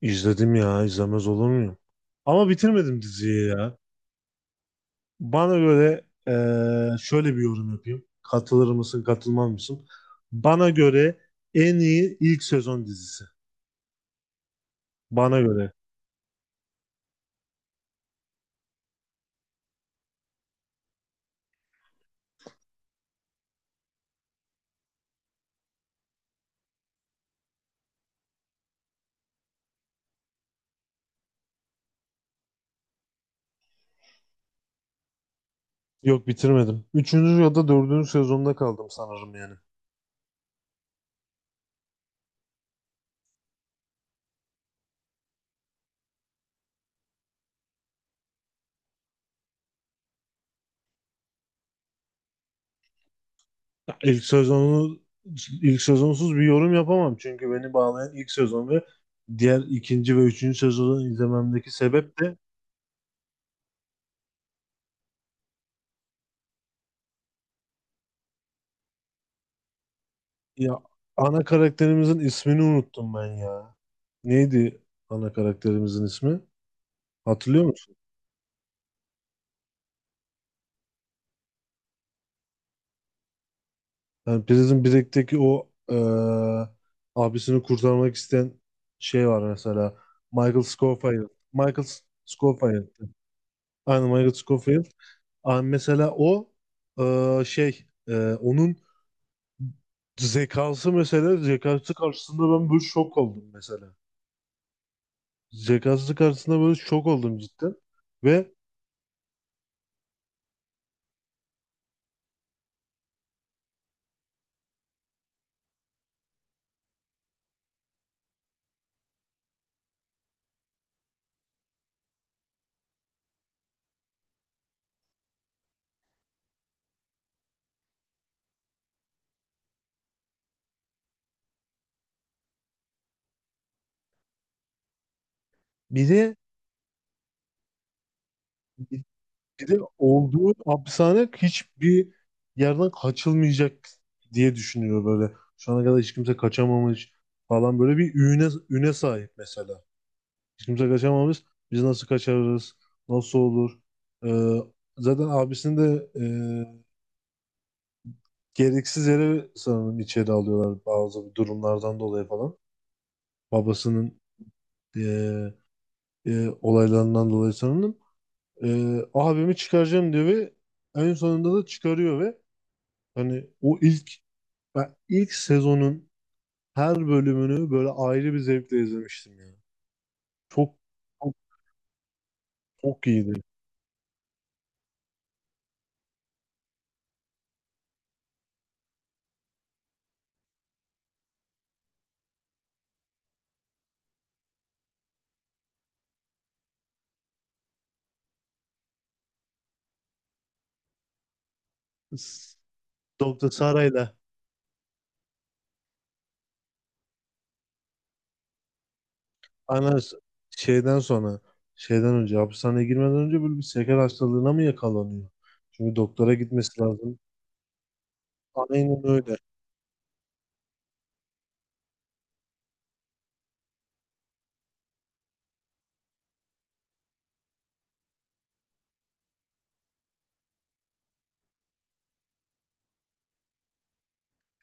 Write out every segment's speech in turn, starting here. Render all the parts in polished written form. İzledim ya izlemez olur muyum? Ama bitirmedim diziyi ya. Bana göre şöyle bir yorum yapayım. Katılır mısın katılmaz mısın? Bana göre en iyi ilk sezon dizisi. Bana göre. Yok bitirmedim. Üçüncü ya da dördüncü sezonda kaldım sanırım yani. Ya, ilk sezonsuz bir yorum yapamam. Çünkü beni bağlayan ilk sezon ve diğer ikinci ve üçüncü sezonu izlememdeki sebep de, ya, ana karakterimizin ismini unuttum ben ya. Neydi ana karakterimizin ismi? Hatırlıyor musun? Yani Prison Break'teki o abisini kurtarmak isteyen şey var mesela. Michael Scofield. Michael Scofield. Aynen Michael Scofield. Aa, mesela o şey onun zekası, mesela zekası karşısında ben böyle şok oldum mesela. Zekası karşısında böyle şok oldum cidden. Ve bir de Bir de olduğu hapishane hiçbir yerden kaçılmayacak diye düşünüyor böyle. Şu ana kadar hiç kimse kaçamamış falan, böyle bir üne sahip mesela. Hiç kimse kaçamamış. Biz nasıl kaçarız? Nasıl olur? Ee, zaten abisini de e, gereksiz yere sanırım içeri alıyorlar, bazı durumlardan dolayı falan. Babasının e, olaylarından dolayı sanırım. Abimi çıkaracağım diyor ve en sonunda da çıkarıyor ve hani, o ilk ben ilk sezonun her bölümünü böyle ayrı bir zevkle izlemiştim ya. Çok çok çok iyiydi. S- Dr. Sara'yla, aynen, şeyden sonra, şeyden önce, hapishaneye girmeden önce böyle bir şeker hastalığına mı yakalanıyor? Çünkü doktora gitmesi lazım. Aynen öyle.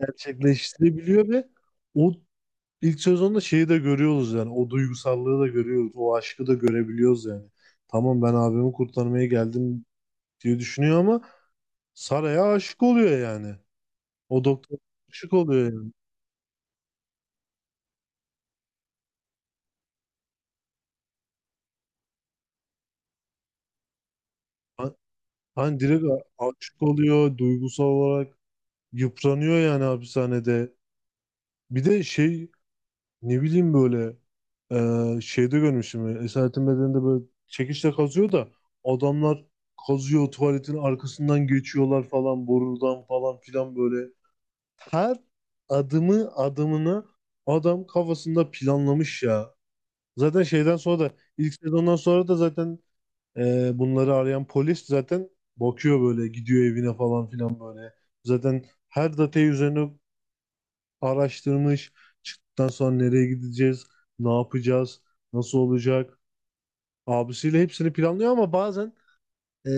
Gerçekleştirebiliyor ve o ilk sezonda şeyi de görüyoruz yani. O duygusallığı da görüyoruz. O aşkı da görebiliyoruz yani. Tamam, ben abimi kurtarmaya geldim diye düşünüyor ama Sara'ya aşık oluyor yani. O doktor, aşık oluyor yani. Ha- Hani direkt aşık oluyor, duygusal olarak yıpranıyor yani hapishanede. Bir de şey, ne bileyim böyle şeyde görmüşüm. Esaretin Bedeni'nde böyle çekiçle kazıyor da, adamlar kazıyor, tuvaletin arkasından geçiyorlar falan, borudan falan filan böyle. Her adımını adam kafasında planlamış ya. Zaten şeyden sonra da, ilk sezondan sonra da zaten, bunları arayan polis zaten bakıyor, böyle gidiyor evine falan filan böyle. Zaten her datayı üzerine araştırmış. Çıktıktan sonra nereye gideceğiz, ne yapacağız, nasıl olacak. Abisiyle hepsini planlıyor ama bazen ee,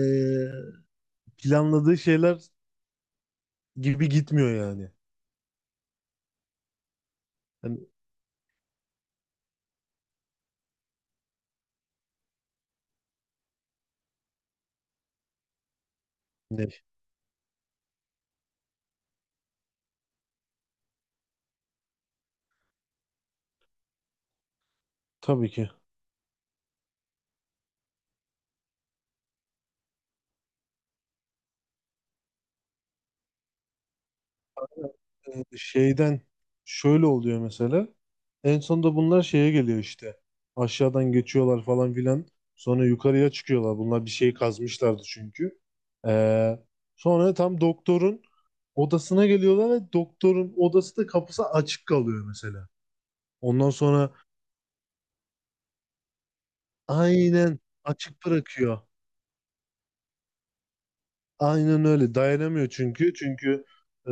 planladığı şeyler gibi gitmiyor yani. Hani ne? Tabii ki. Şeyden şöyle oluyor mesela. En sonunda bunlar şeye geliyor işte. Aşağıdan geçiyorlar falan filan. Sonra yukarıya çıkıyorlar. Bunlar bir şey kazmışlardı çünkü. Ee, sonra tam doktorun odasına geliyorlar ve doktorun odası, da kapısı açık kalıyor mesela. Ondan sonra, aynen, açık bırakıyor. Aynen öyle. Dayanamıyor çünkü. E,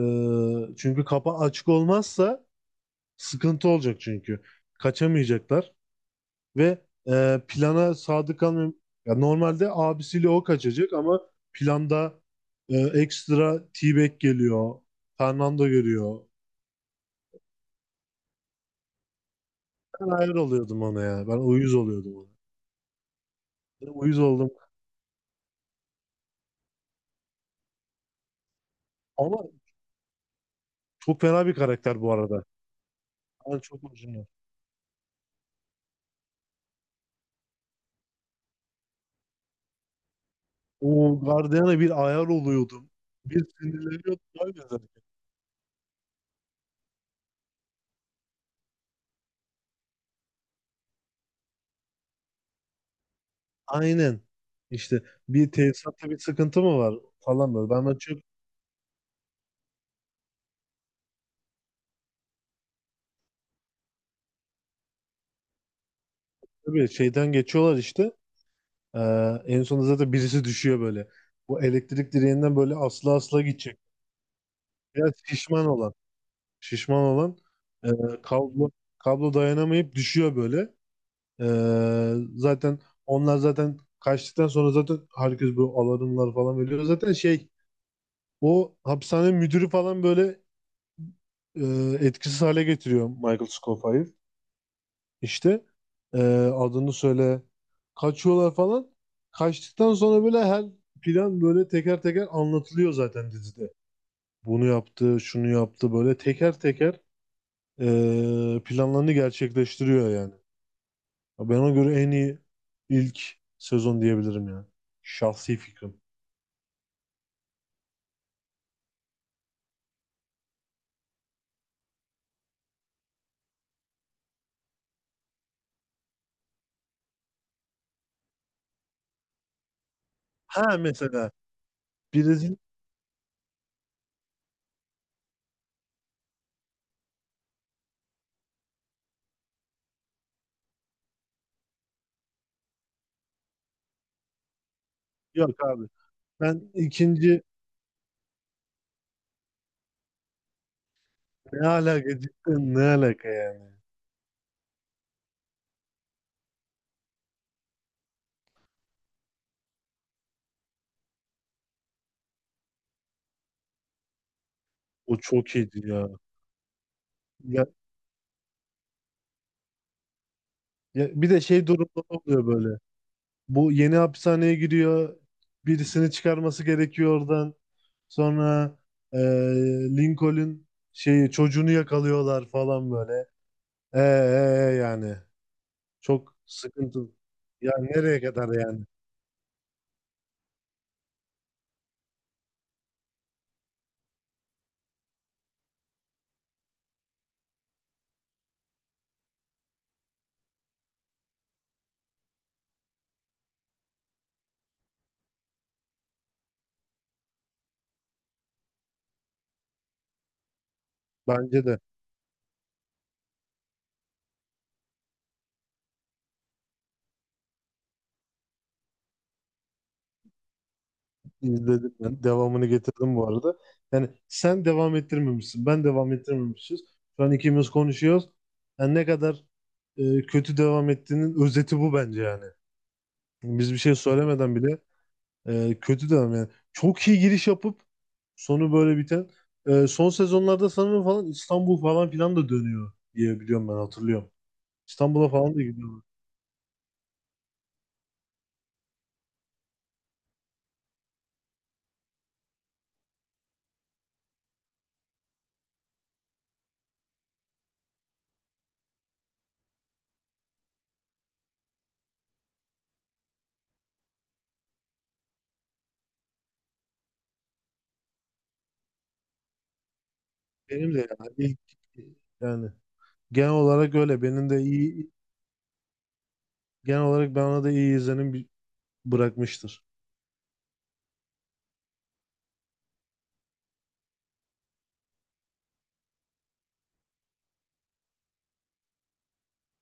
çünkü kapı açık olmazsa sıkıntı olacak çünkü. Kaçamayacaklar. Ve plana sadık kalmayan, ya normalde abisiyle o kaçacak ama planda ekstra T-Bag geliyor. Fernando görüyor. Ben hayır oluyordum ona ya. Ben uyuz oluyordum ona. Ben uyuz oldum. Ama çok fena bir karakter bu arada. Ben çok hoşuma. O Guardian'a bir ayar oluyordum. Bir sinirleniyordum, var ya zaten. Aynen. İşte bir tesisatta bir sıkıntı mı var falan böyle. Ben ben çok tabii şeyden geçiyorlar işte. Ee, en sonunda zaten birisi düşüyor böyle. Bu elektrik direğinden böyle, asla asla gidecek. Biraz şişman olan. Şişman olan, e, kablo kablo dayanamayıp düşüyor böyle. Zaten onlar zaten kaçtıktan sonra zaten herkes böyle alarmlar falan veriyor. Zaten şey, o hapishane müdürü falan böyle etkisiz hale getiriyor Michael Scofield. İşte e, adını söyle, kaçıyorlar falan. Kaçtıktan sonra böyle her plan böyle teker teker anlatılıyor zaten dizide. Bunu yaptı, şunu yaptı böyle teker teker planlarını gerçekleştiriyor yani. Ben, ona göre en iyi ilk sezon diyebilirim yani. Şahsi fikrim. Ha, mesela Brezilya, yok abi. Ben ikinci Ne alaka, cidden ne alaka yani. O çok iyiydi ya. Ya, ya, bir de şey durumları oluyor böyle. Bu yeni hapishaneye giriyor. Birisini çıkarması gerekiyor oradan. Sonra e, Lincoln şeyi, çocuğunu yakalıyorlar falan böyle. E, e, yani çok sıkıntı. Ya nereye kadar yani? Bence de izledim ben. Devamını getirdim bu arada. Yani sen devam ettirmemişsin. Ben devam ettirmemişiz. Şu an ikimiz konuşuyoruz. Yani ne kadar kötü devam ettiğinin özeti bu bence yani. Biz bir şey söylemeden bile. Kötü demem yani. Çok iyi giriş yapıp sonu böyle biten. Son sezonlarda sanırım falan İstanbul falan filan da dönüyor diye biliyorum, ben hatırlıyorum. İstanbul'a falan da gidiyorlar. Benim de, yani, ilk yani genel olarak öyle. Benim de iyi Genel olarak ben ona da iyi izlenim bırakmıştır.